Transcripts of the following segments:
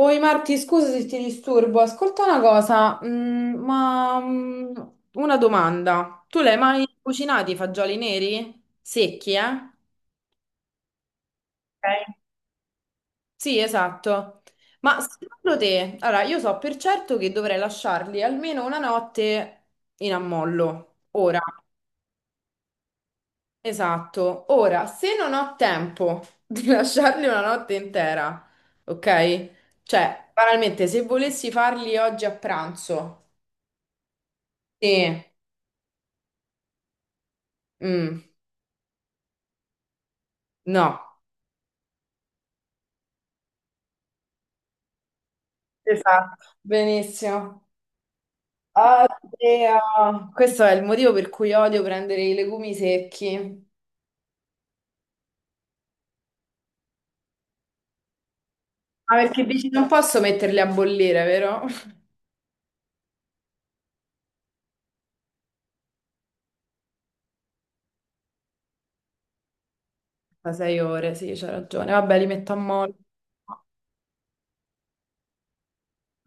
Oi Marti, scusa se ti disturbo, ascolta una cosa, ma una domanda. Tu l'hai mai cucinati i fagioli neri? Secchi, eh? Ok. Sì, esatto. Ma secondo te, allora io so per certo che dovrei lasciarli almeno una notte in ammollo. Ora, esatto. Ora, se non ho tempo di lasciarli una notte intera, ok? Cioè, banalmente, se volessi farli oggi a pranzo, sì. Mm, no. Esatto, benissimo. Oddio. Questo è il motivo per cui odio prendere i legumi secchi. Ma perché dici non posso metterli a bollire, vero? Da 6 ore, sì, c'ha ragione. Vabbè, li metto a mollo.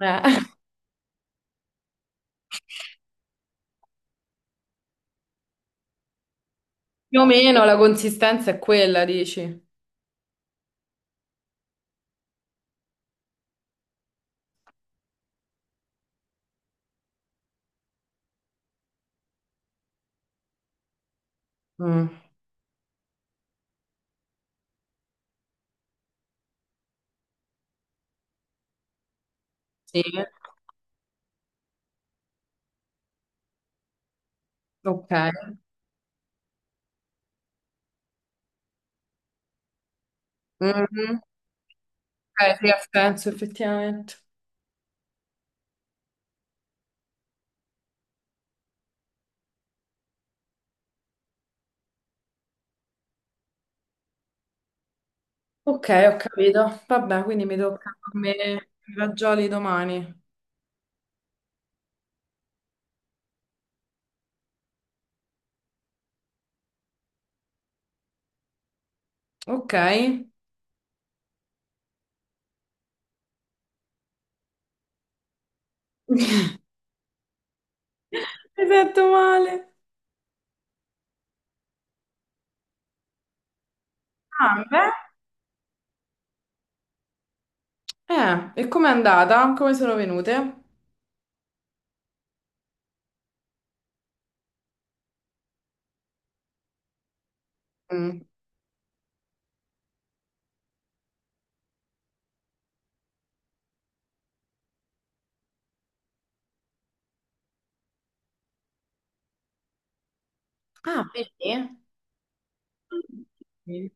Eh. Più o meno la consistenza è quella, dici? Mm, sì, ok. Mhm. Ok, sì, ha senso, effettivamente. Ok, ho capito. Vabbè, quindi mi tocca a me i fagioli domani. Ok. Hai fatto male. Ah, beh. E com'è andata? Come sono venute? Mm. Ah, vedi? Mm.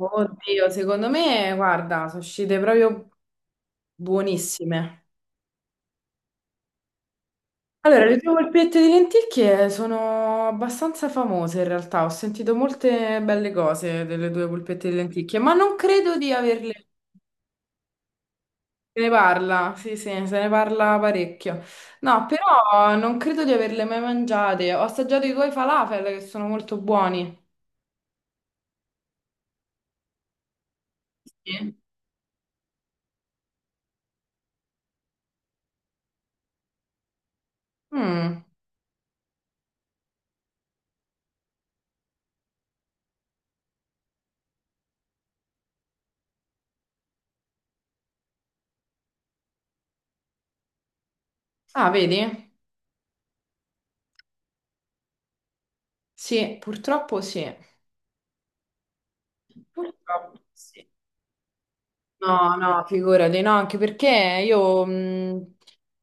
Oddio, secondo me, guarda, sono uscite proprio buonissime. Allora, le tue polpette di lenticchie sono abbastanza famose in realtà. Ho sentito molte belle cose delle tue polpette di lenticchie, ma non credo di averle. Se ne parla, sì, sì, se ne parla parecchio. No, però non credo di averle mai mangiate. Ho assaggiato i coi falafel che sono molto buoni. Sì. Mm. Ah, vedi? Sì, purtroppo sì. Purtroppo sì. No, no, figurati, no, anche perché io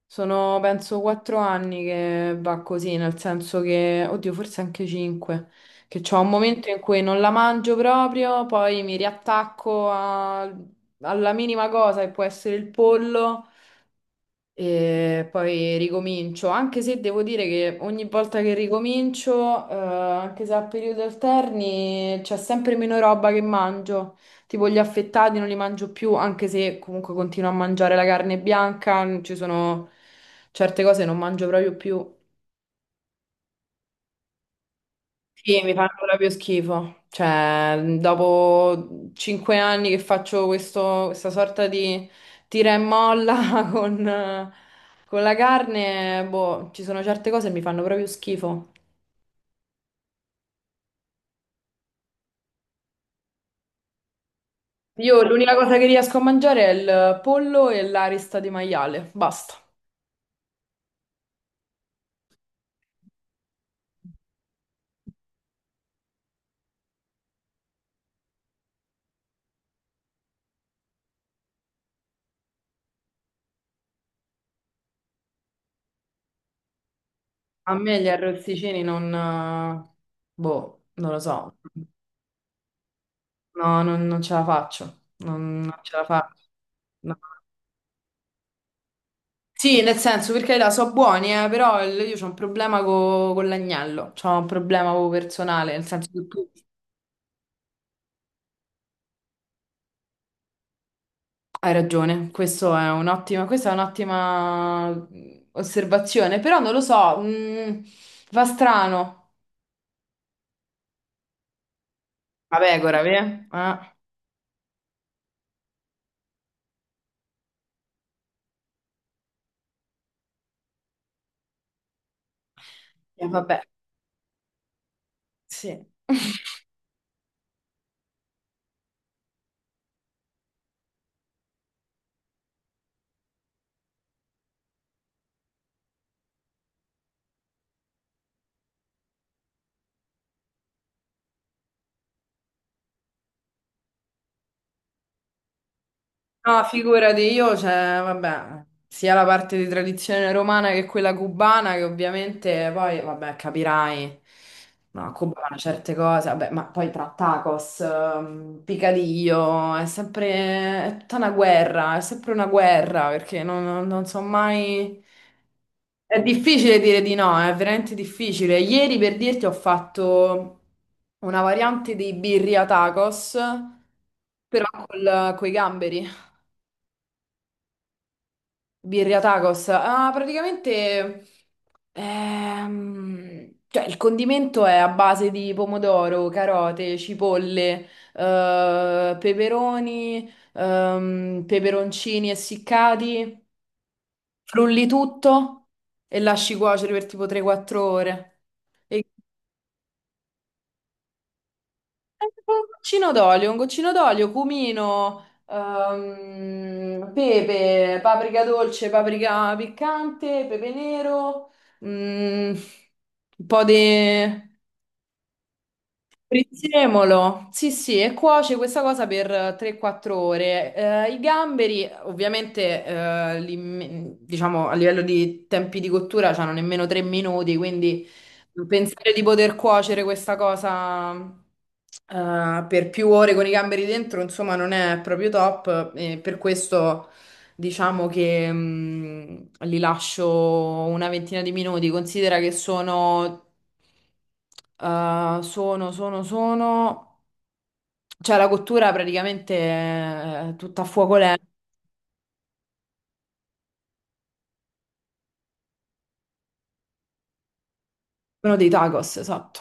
sono penso 4 anni che va così, nel senso che, oddio, forse anche 5, che c'ho un momento in cui non la mangio proprio, poi mi riattacco alla minima cosa che può essere il pollo e poi ricomincio, anche se devo dire che ogni volta che ricomincio, anche se a periodi alterni, c'è sempre meno roba che mangio. Tipo gli affettati non li mangio più, anche se comunque continuo a mangiare la carne bianca, ci sono certe cose che non mangio proprio più. Sì, mi fanno proprio schifo. Cioè, dopo 5 anni che faccio questa sorta di tira e molla con, eh, con la carne, boh, ci sono certe cose che mi fanno proprio schifo. Io l'unica cosa che riesco a mangiare è il pollo e l'arista di maiale, basta. A me gli arrozzicini non... boh, non lo so. No, non ce la faccio. Non ce la faccio. No. Sì, nel senso, perché là so buoni, però io ho un problema con l'agnello, ho un problema proprio personale, nel senso che tu hai ragione, questo è un'ottima, questa è un'ottima osservazione, però non lo so, va strano. La pecora, vero? Vabbè, sì. No, figurati io, cioè, vabbè, sia la parte di tradizione romana che quella cubana, che ovviamente poi, vabbè, capirai, no, a Cuba fanno certe cose, vabbè, ma poi tra tacos, picadillo, è sempre, è tutta una guerra, è sempre una guerra, perché non so mai... È difficile dire di no, è veramente difficile. Ieri per dirti ho fatto una variante di birria tacos, però con i gamberi. Birria tacos. Ah, praticamente, cioè, il condimento è a base di pomodoro, carote, cipolle, peperoni, peperoncini essiccati. Frulli tutto e lasci cuocere per tipo 3-4 ore. E un goccino d'olio, un goccino d'olio, cumino, pepe, paprika dolce, paprika piccante, pepe nero, mm, un po' di prezzemolo, sì sì, e cuoce questa cosa per 3-4 ore. I gamberi, ovviamente, diciamo a livello di tempi di cottura, hanno nemmeno 3 minuti, quindi pensare di poter cuocere questa cosa, per più ore con i gamberi dentro, insomma, non è proprio top, e per questo. Diciamo che li lascio una ventina di minuti. Considera che sono. Cioè, la cottura praticamente è tutta a fuoco lento, meno dei tacos, esatto.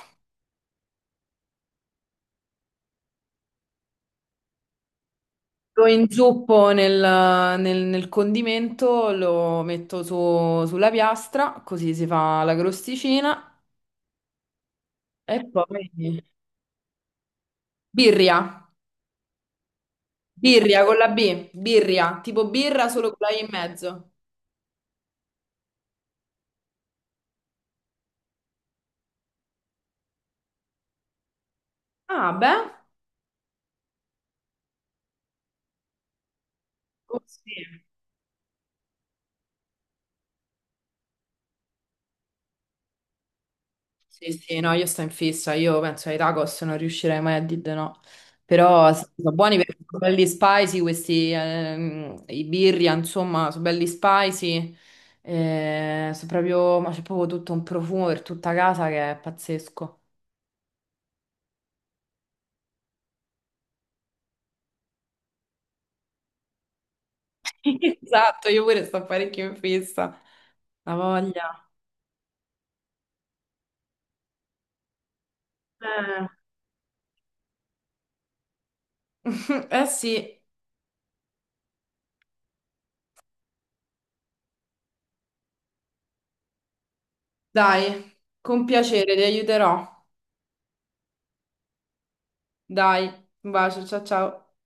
Lo inzuppo nel condimento, lo metto sulla piastra, così si fa la crosticina. E poi birria, birria con la B, birria, tipo birra solo con la I in mezzo. Ah, beh. Oh, sì. Sì, sì, no, io sto in fissa, io penso ai tacos non riuscirei mai a dire di no, però sì, sono buoni perché sono belli spicy questi, i birria, insomma, sono belli spicy, sono proprio, ma c'è proprio tutto un profumo per tutta casa che è pazzesco. Esatto, io pure sto parecchio in fissa, la voglia. Eh. Eh sì, dai, con piacere, ti aiuterò, dai, un bacio, ciao ciao.